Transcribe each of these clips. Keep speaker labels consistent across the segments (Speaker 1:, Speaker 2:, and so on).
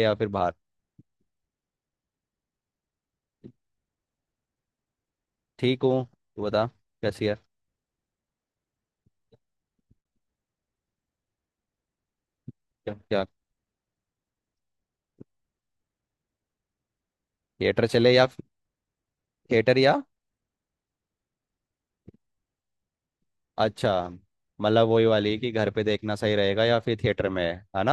Speaker 1: या फिर बाहर। ठीक हूँ। तू बता, कैसी है? क्या क्या? थिएटर चले या थिएटर या... अच्छा। मतलब वही वाली कि घर पे देखना सही रहेगा या फिर थिएटर में। है ना?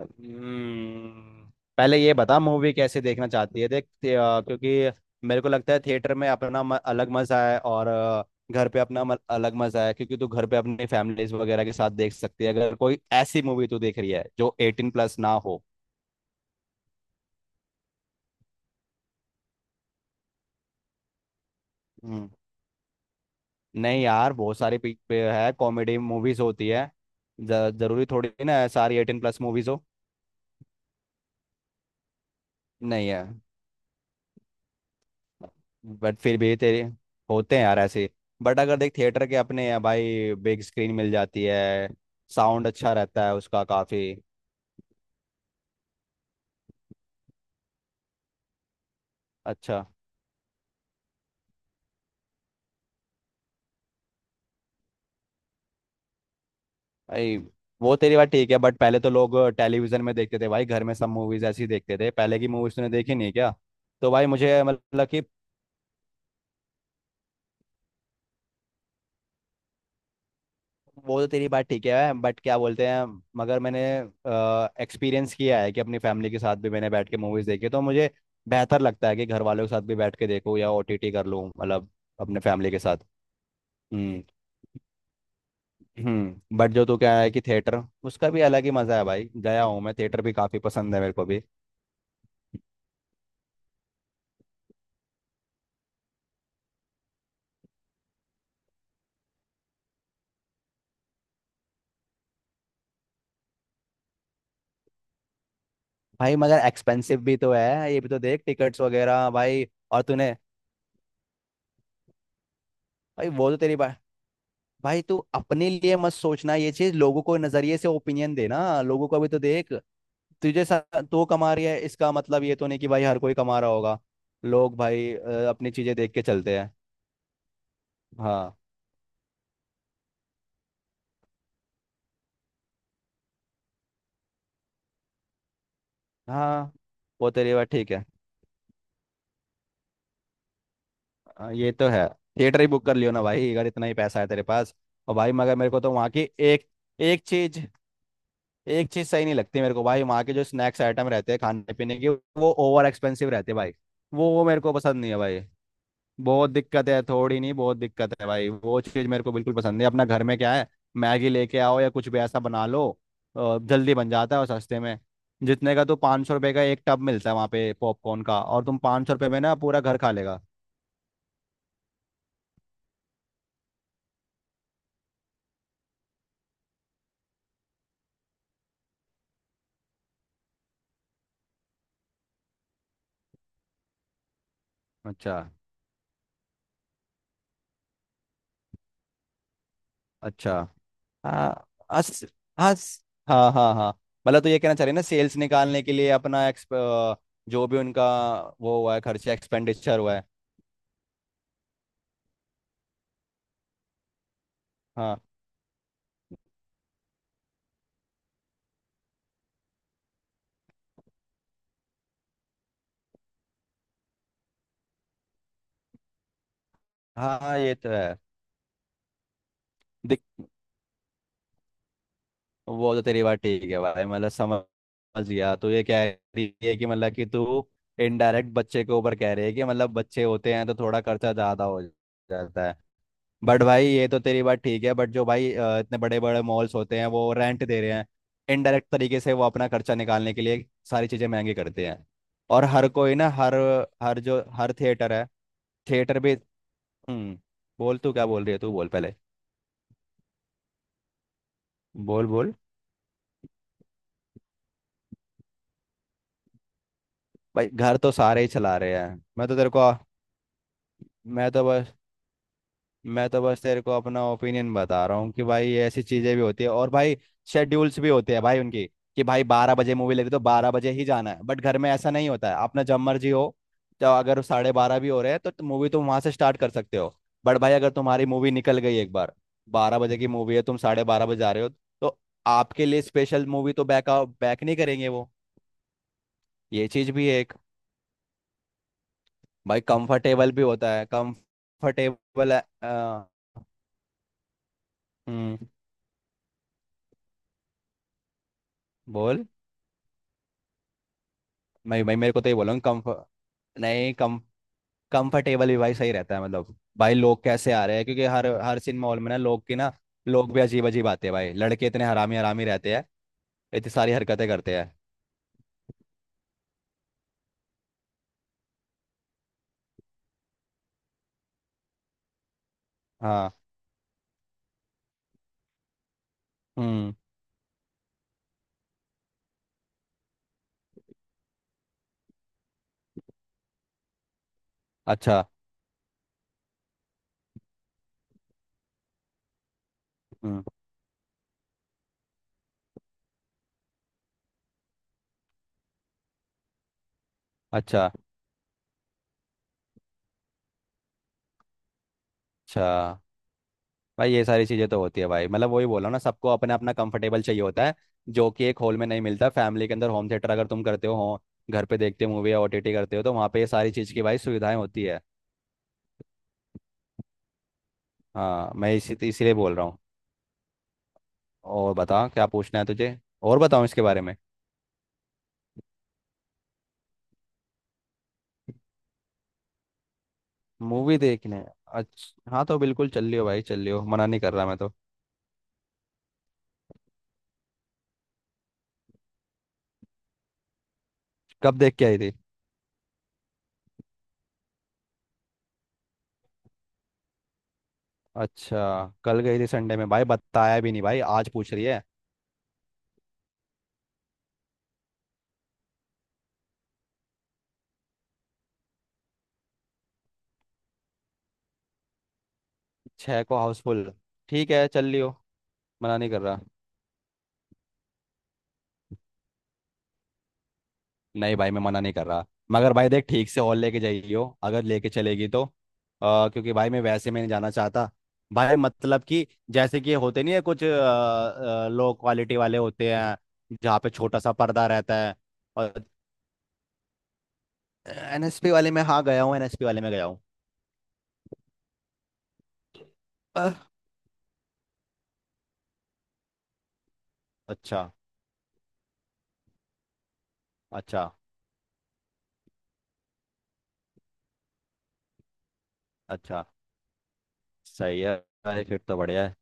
Speaker 1: हम्म। पहले ये बता मूवी कैसे देखना चाहती है, क्योंकि मेरे को लगता है थिएटर में अपना, अलग मजा है और घर पे अपना, अलग मजा है। क्योंकि तू घर पे अपनी फैमिलीज वगैरह के साथ देख सकती है, अगर कोई ऐसी मूवी तू देख रही है जो 18+ ना हो। नहीं यार, बहुत सारी पिक पे है, कॉमेडी मूवीज होती है। जरूरी थोड़ी ना है सारी 18+ मूवीज हो। नहीं है। बट फिर भी तेरे होते हैं यार ऐसे। बट अगर देख, थिएटर के अपने हैं भाई, बिग स्क्रीन मिल जाती है, साउंड अच्छा रहता है उसका काफी। अच्छा। भाई वो तेरी बात ठीक है, बट पहले तो लोग टेलीविजन में देखते थे भाई, घर में सब मूवीज ऐसी देखते थे, पहले की मूवीज तूने देखी नहीं है क्या? तो भाई मुझे मतलब कि... वो तो तेरी बात ठीक है, बट क्या बोलते हैं, मगर मैंने एक्सपीरियंस किया है कि अपनी फैमिली के साथ भी मैंने बैठ के मूवीज देखी, तो मुझे बेहतर लगता है कि घर वालों के साथ भी बैठ के देखूँ या ओटीटी कर लूँ, मतलब अपने फैमिली के साथ। हम्म। हम्म, बट जो तू कह रहा है कि थिएटर, उसका भी अलग ही मजा है भाई, गया हूँ मैं, थिएटर भी काफी पसंद है मेरे को भी। भाई मगर एक्सपेंसिव भी तो है ये, भी तो देख टिकट्स वगैरह भाई, और तूने... भाई वो तो तेरी बात... भाई तू अपने लिए मत सोचना ये चीज, लोगों को नजरिए से ओपिनियन देना, लोगों को भी तो देख। तुझे सा तू कमा रही है, इसका मतलब ये तो नहीं कि भाई हर कोई कमा रहा होगा। लोग भाई अपनी चीजें देख के चलते हैं। हाँ। हाँ, वो तेरी बात ठीक है। ये तो है। थिएटर ही बुक कर लियो ना भाई, अगर इतना ही पैसा है तेरे पास। और भाई मगर मेरे को तो वहाँ की एक एक चीज एक चीज सही नहीं लगती मेरे को भाई, वहाँ के जो स्नैक्स आइटम रहते हैं खाने पीने के, वो ओवर एक्सपेंसिव रहते हैं भाई। वो मेरे को पसंद नहीं है भाई। बहुत दिक्कत है, थोड़ी नहीं बहुत दिक्कत है भाई, वो चीज़ मेरे को बिल्कुल पसंद है, अपना घर में क्या है, मैगी लेके आओ या कुछ भी ऐसा बना लो। जल्दी बन जाता है और सस्ते में। जितने का तो 500 रुपये का एक टब मिलता है वहाँ पे पॉपकॉर्न का, और तुम 500 रुपये में ना पूरा घर खा लेगा। अच्छा। अच्छा, हाँ। अस अस, हाँ हाँ हाँ। मतलब तो ये कहना चाह रहे हैं ना, सेल्स निकालने के लिए अपना जो भी उनका, वो हुआ है खर्चा, एक्सपेंडिचर हुआ है। हाँ हाँ हाँ, ये तो है। वो तो तेरी बात ठीक है भाई, मतलब समझ गया, तो ये कह रही है ये कि, मतलब कि तू इनडायरेक्ट बच्चे के ऊपर कह रही है कि, मतलब बच्चे होते हैं तो थोड़ा खर्चा ज्यादा हो जाता है। बट भाई ये तो तेरी बात ठीक है, बट जो भाई इतने बड़े बड़े मॉल्स होते हैं, वो रेंट दे रहे हैं, इनडायरेक्ट तरीके से वो अपना खर्चा निकालने के लिए सारी चीजें महंगी करते हैं। और हर कोई ना, हर हर जो हर थिएटर है, थिएटर भी। हम्म। बोल, तू क्या बोल रही है? तू बोल पहले। बोल बोल। भाई घर तो सारे ही चला रहे हैं। मैं तो तेरे को मैं तो मैं तो बस तेरे को अपना ओपिनियन बता रहा हूँ कि भाई ऐसी चीजें भी होती है, और भाई शेड्यूल्स भी होते हैं भाई उनकी, कि भाई 12 बजे मूवी लगी तो 12 बजे ही जाना है, बट घर में ऐसा नहीं होता है, अपना जब मर्जी हो, तो अगर 12:30 भी हो रहे हैं तो मूवी तुम वहां से स्टार्ट कर सकते हो। बट भाई अगर तुम्हारी मूवी निकल गई एक बार, 12 बजे की मूवी है तुम 12:30 बजे जा रहे हो, तो आपके लिए स्पेशल मूवी तो बैक बैक नहीं करेंगे वो। ये चीज भी है एक। भाई कंफर्टेबल भी होता है, कंफर्टेबल है। हम्म। बोल। मैं भाई, मेरे को तो ये बोल रहा हूँ, कम्फ नहीं कम कंफर्टेबल भी भाई सही रहता है, मतलब भाई लोग कैसे आ रहे हैं, क्योंकि हर हर सिनेमा हॉल में ना, लोग की ना, लोग भी अजीब अजीब आते हैं भाई, लड़के इतने हरामी हरामी रहते हैं, इतनी सारी हरकतें करते हैं। हाँ। हम्म। अच्छा। हम्म। अच्छा। अच्छा, भाई ये सारी चीज़ें तो होती है भाई, मतलब वही बोला ना, सबको अपना अपना कंफर्टेबल चाहिए होता है, जो कि एक हॉल में नहीं मिलता, फैमिली के अंदर, होम थिएटर अगर तुम करते हो, घर पे देखते हो मूवी या ओटीटी करते हो, तो वहाँ पे ये सारी चीज़ की भाई सुविधाएं होती है। हाँ, मैं इसीलिए बोल रहा हूँ। और बता क्या पूछना है तुझे, और बताऊँ इसके बारे में। मूवी देखने? अच्छा हाँ, तो बिल्कुल चल लियो भाई, चल लियो, मना नहीं कर रहा मैं तो। कब देख के आई थी? अच्छा, कल गई थी संडे में, भाई बताया भी नहीं भाई, आज पूछ रही है। 6 को हाउसफुल? ठीक है चल लियो, मना नहीं कर रहा। नहीं भाई मैं मना नहीं कर रहा, मगर भाई देख ठीक से और लेके जाइयो, अगर लेके चलेगी तो, क्योंकि भाई मैं वैसे में नहीं जाना चाहता। भाई मतलब कि, जैसे कि होते नहीं है कुछ लो क्वालिटी वाले, होते हैं जहाँ पे छोटा सा पर्दा रहता है। और एनएसपी वाले में, हाँ गया हूँ, एनएसपी वाले में गया हूँ। अह, अच्छा। अच्छा। अच्छा, सही है, भाई फिर तो बढ़िया है।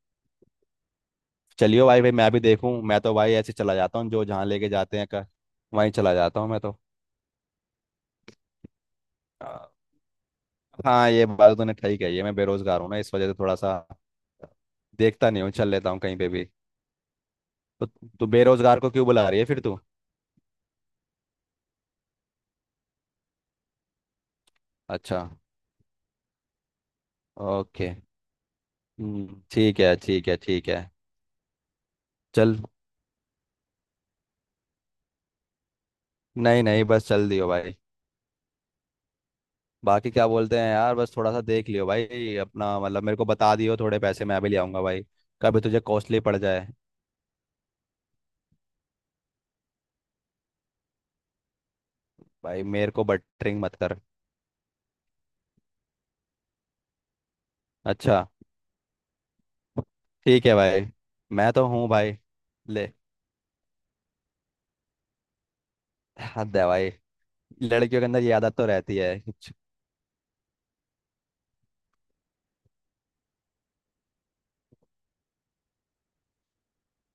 Speaker 1: चलियो भाई, भाई मैं भी देखूँ, मैं तो भाई ऐसे चला जाता हूँ, जो जहाँ लेके जाते हैं कर, वहीं चला जाता हूँ मैं। तो हाँ ये बात तो तूने ठीक कही है, मैं बेरोजगार हूँ ना, इस वजह से थोड़ा सा देखता नहीं हूँ, चल लेता हूँ कहीं पे भी। तो तू बेरोजगार को क्यों बुला रही है फिर तू? अच्छा। ओके। ठीक है ठीक है ठीक है। चल। नहीं नहीं बस चल दियो भाई, बाकी क्या बोलते हैं यार, बस थोड़ा सा देख लियो भाई अपना, मतलब मेरे को बता दियो थोड़े पैसे मैं भी ले आऊंगा भाई, कभी तुझे कॉस्टली पड़ जाए। भाई मेरे को बटरिंग मत कर। अच्छा। ठीक है भाई। मैं तो हूँ भाई। ले। हद है भाई, लड़कियों के अंदर ये आदत तो रहती है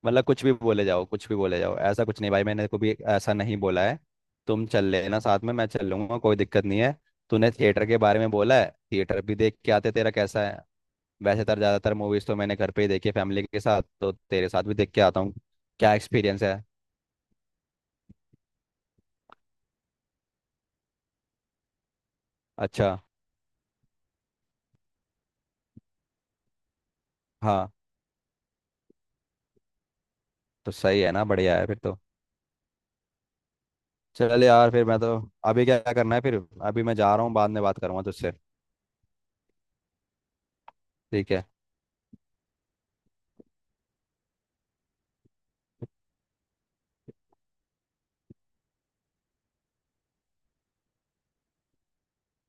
Speaker 1: मतलब कुछ भी बोले जाओ, कुछ भी बोले जाओ, ऐसा कुछ नहीं भाई, मैंने कभी ऐसा नहीं बोला है। तुम चल लेना साथ में, मैं चल लूंगा, कोई दिक्कत नहीं है। तूने थिएटर के बारे में बोला है, थिएटर भी देख के आते, तेरा कैसा है वैसे। तर ज़्यादातर मूवीज़ तो मैंने घर पे ही देखी है फैमिली के साथ, तो तेरे साथ भी देख के आता हूँ। क्या एक्सपीरियंस है। अच्छा हाँ, तो सही है ना, बढ़िया है फिर तो। चल यार फिर, मैं तो... अभी क्या करना है फिर? अभी मैं जा रहा हूँ, बाद में बात करूँगा तुझसे। ठीक है।